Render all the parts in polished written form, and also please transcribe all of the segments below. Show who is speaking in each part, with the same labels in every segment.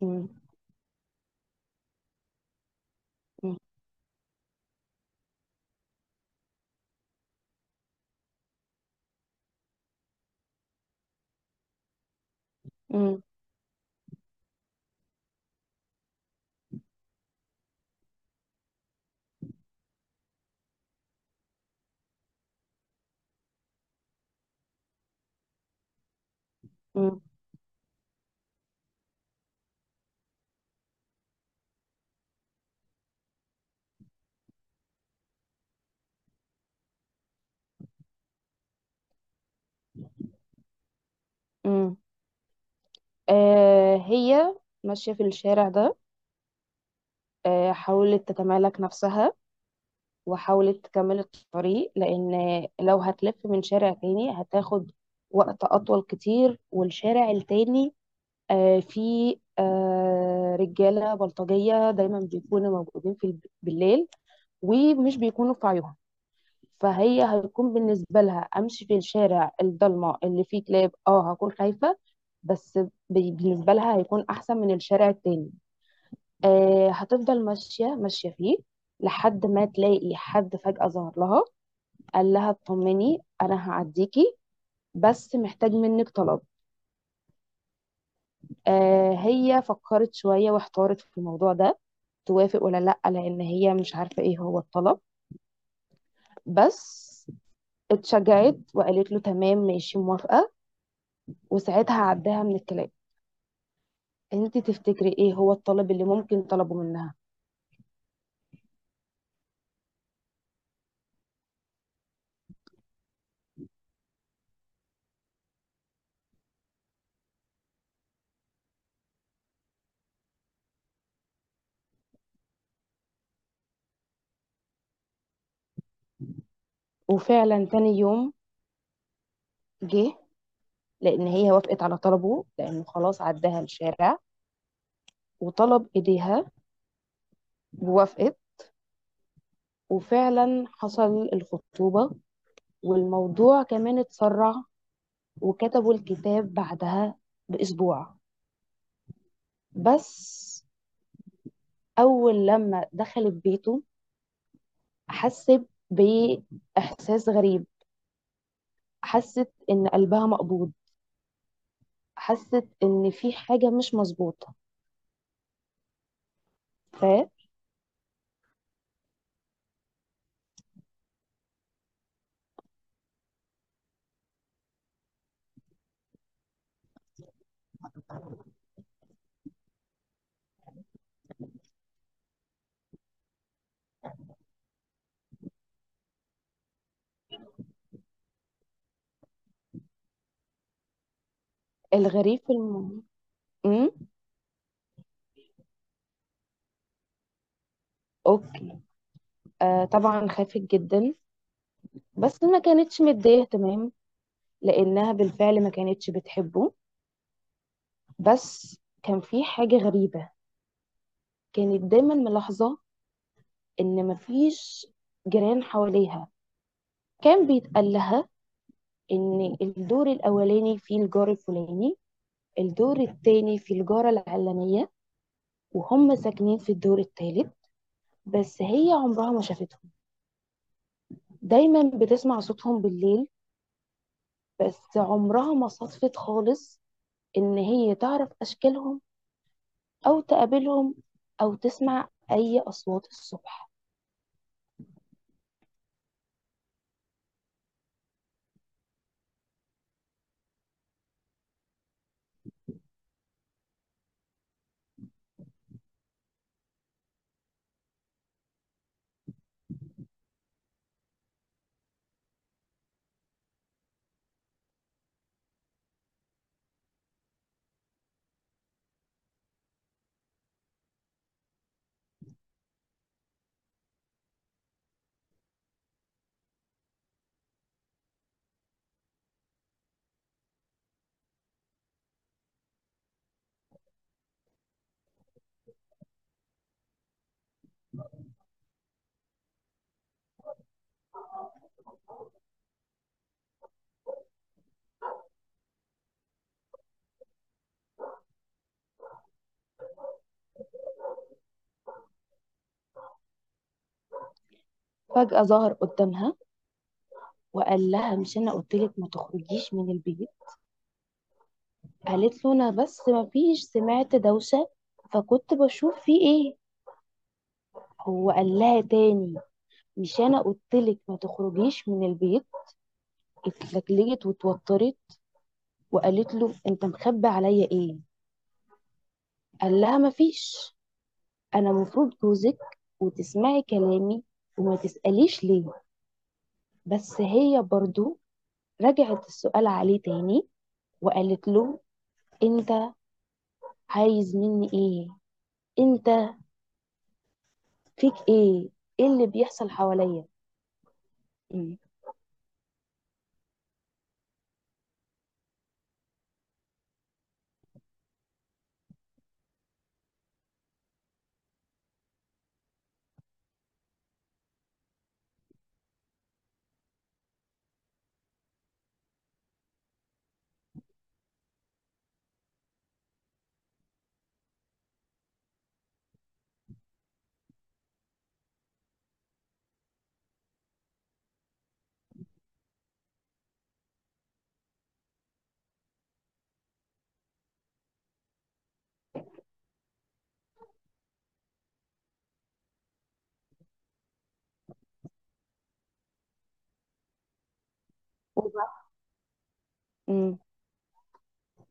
Speaker 1: مم. مم. مم. مم. مم. هي ماشية في الشارع ده. حاولت تتمالك نفسها وحاولت تكمل الطريق، لأن لو هتلف من شارع تاني هتاخد وقت أطول كتير. والشارع التاني فيه رجالة بلطجية دايما بيكونوا موجودين في بالليل، ومش بيكونوا في عيون. فهي هيكون بالنسبة لها أمشي في الشارع الضلمة اللي فيه كلاب، هكون خايفة، بس بالنسبة لها هيكون أحسن من الشارع التاني. هتفضل ماشية ماشية فيه لحد ما تلاقي حد فجأة ظهر لها، قال لها اطمني أنا هعديكي، بس محتاج منك طلب. هي فكرت شوية واحتارت في الموضوع ده، توافق ولا لأ، لأن هي مش عارفة ايه هو الطلب. بس اتشجعت وقالت له تمام ماشي موافقة، وساعتها عداها من الكلام. انت تفتكري ايه هو الطلب اللي ممكن طلبه منها؟ وفعلا تاني يوم جه، لان هي وافقت على طلبه لانه خلاص عداها الشارع، وطلب ايديها ووافقت. وفعلا حصل الخطوبة، والموضوع كمان اتسرع، وكتبوا الكتاب بعدها بأسبوع. بس أول لما دخلت بيته حست بإحساس غريب، حست إن قلبها مقبوض، حست ان في حاجه مش مظبوطه. فالغريب في الموضوع امم اوكي. طبعا خافت جدا، بس ما كانتش مديه تمام، لانها بالفعل ما كانتش بتحبه. بس كان في حاجه غريبه، كانت دايما ملاحظه ان مفيش جيران حواليها. كان بيتقال لها ان الدور الاولاني فيه الجار الفلاني، الدور التاني فيه الجاره العلانيه، وهم ساكنين في الدور التالت. بس هي عمرها ما شافتهم، دايما بتسمع صوتهم بالليل، بس عمرها ما صدفت خالص ان هي تعرف اشكالهم او تقابلهم او تسمع اي اصوات الصبح. فجأة ظهر قدامها وقال لها مش انا قلتلك ما تخرجيش من البيت. قالت له انا بس ما فيش سمعت دوشة فكنت بشوف في ايه. هو قال لها تاني مش انا قلتلك ما تخرجيش من البيت. اتلجلجت وتوترت وقالت له انت مخبي عليا ايه؟ قال لها مفيش، انا مفروض جوزك وتسمعي كلامي وما تسأليش ليه. بس هي برضو رجعت السؤال عليه تاني، وقالت له انت عايز مني ايه؟ انت فيك ايه؟ ايه اللي بيحصل حواليا؟ مم. وبقى- مم.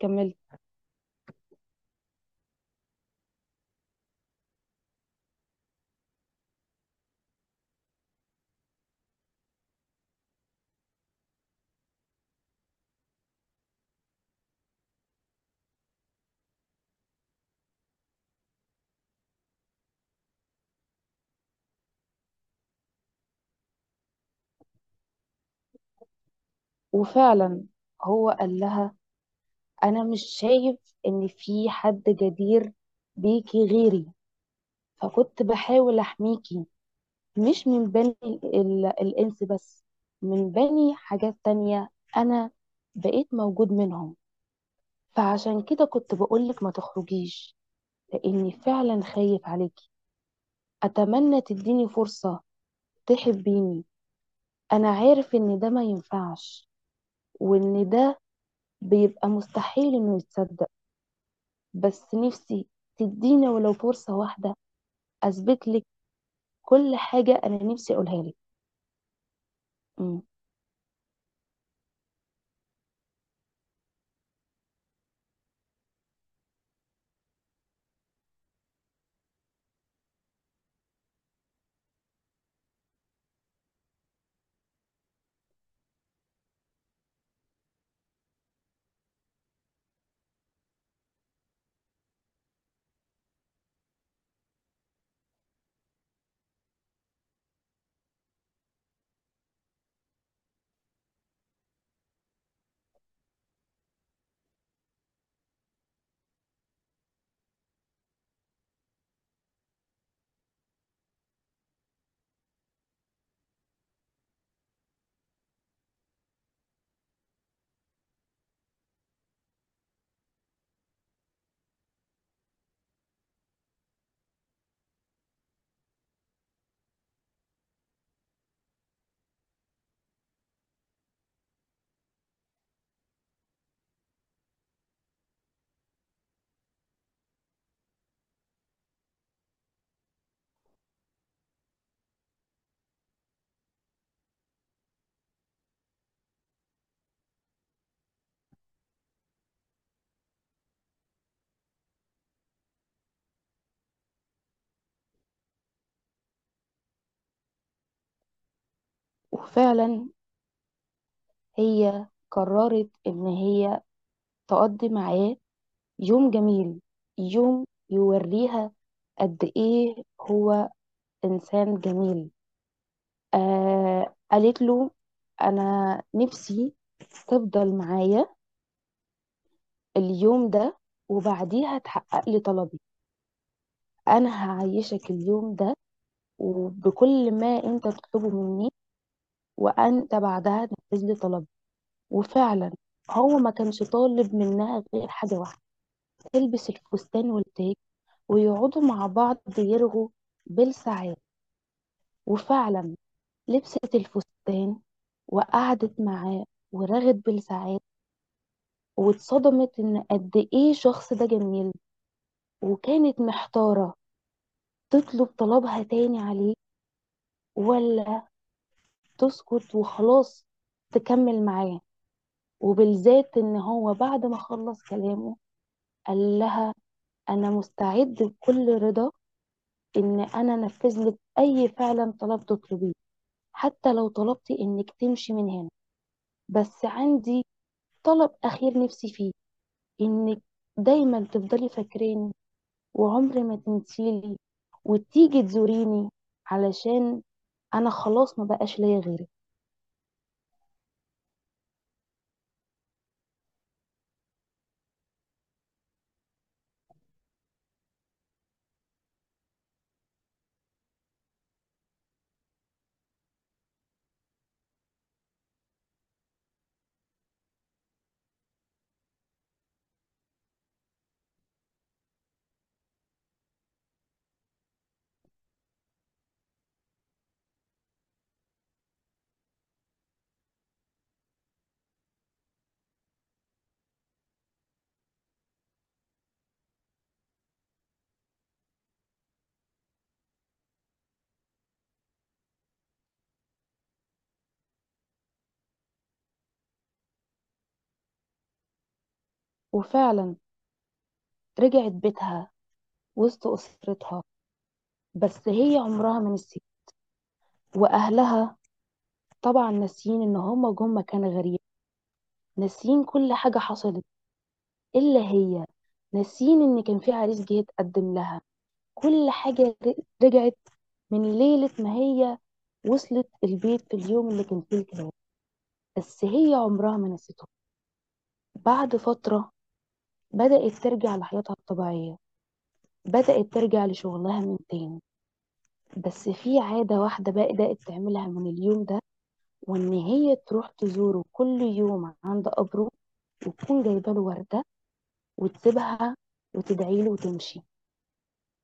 Speaker 1: كملت. وفعلا هو قال لها انا مش شايف ان في حد جدير بيكي غيري، فكنت بحاول احميكي، مش من بني الإنس بس، من بني حاجات تانية. أنا بقيت موجود منهم، فعشان كده كنت بقولك ما تخرجيش لأني فعلا خايف عليكي. أتمنى تديني فرصة تحبيني. أنا عارف إن ده ما ينفعش، وإن ده بيبقى مستحيل إنه يتصدق، بس نفسي تديني ولو فرصة واحدة أثبت لك كل حاجة أنا نفسي أقولها لك. أمم. وفعلا هي قررت إن هي تقضي معاه يوم جميل، يوم يوريها قد ايه هو انسان جميل. قالت له انا نفسي تفضل معايا اليوم ده، وبعديها تحقق لي طلبي. انا هعيشك اليوم ده وبكل ما انت تطلبه مني، وانت بعدها تنفذ لي طلبي. وفعلا هو ما كانش طالب منها غير حاجه واحده، تلبس الفستان والتاج ويقعدوا مع بعض يرغوا بالساعات. وفعلا لبست الفستان وقعدت معاه ورغت بالساعات، واتصدمت ان قد ايه الشخص ده جميل. وكانت محتارة تطلب طلبها تاني عليه، ولا تسكت وخلاص تكمل معاه، وبالذات ان هو بعد ما خلص كلامه قال لها انا مستعد بكل رضا ان انا انفذ لك اي فعلا طلب تطلبيه، حتى لو طلبتي انك تمشي من هنا، بس عندي طلب اخير نفسي فيه، انك دايما تفضلي فاكراني وعمري ما تنسيلي وتيجي تزوريني، علشان انا خلاص ما بقاش ليا غيرك. وفعلا رجعت بيتها وسط اسرتها، بس هي عمرها ما نسيت. واهلها طبعا ناسيين ان هما جم مكان غريب، ناسيين كل حاجه حصلت الا هي، ناسيين ان كان في عريس جه يتقدم لها. كل حاجه رجعت من ليلة ما هي وصلت البيت في اليوم اللي كان فيه الكلاب، بس هي عمرها ما نسيته. بعد فترة بدأت ترجع لحياتها الطبيعية، بدأت ترجع لشغلها من تاني، بس في عادة واحدة بقى بدأت تعملها من اليوم ده، وإن هي تروح تزوره كل يوم عند قبره، وتكون جايبة له وردة وتسيبها وتدعي له وتمشي.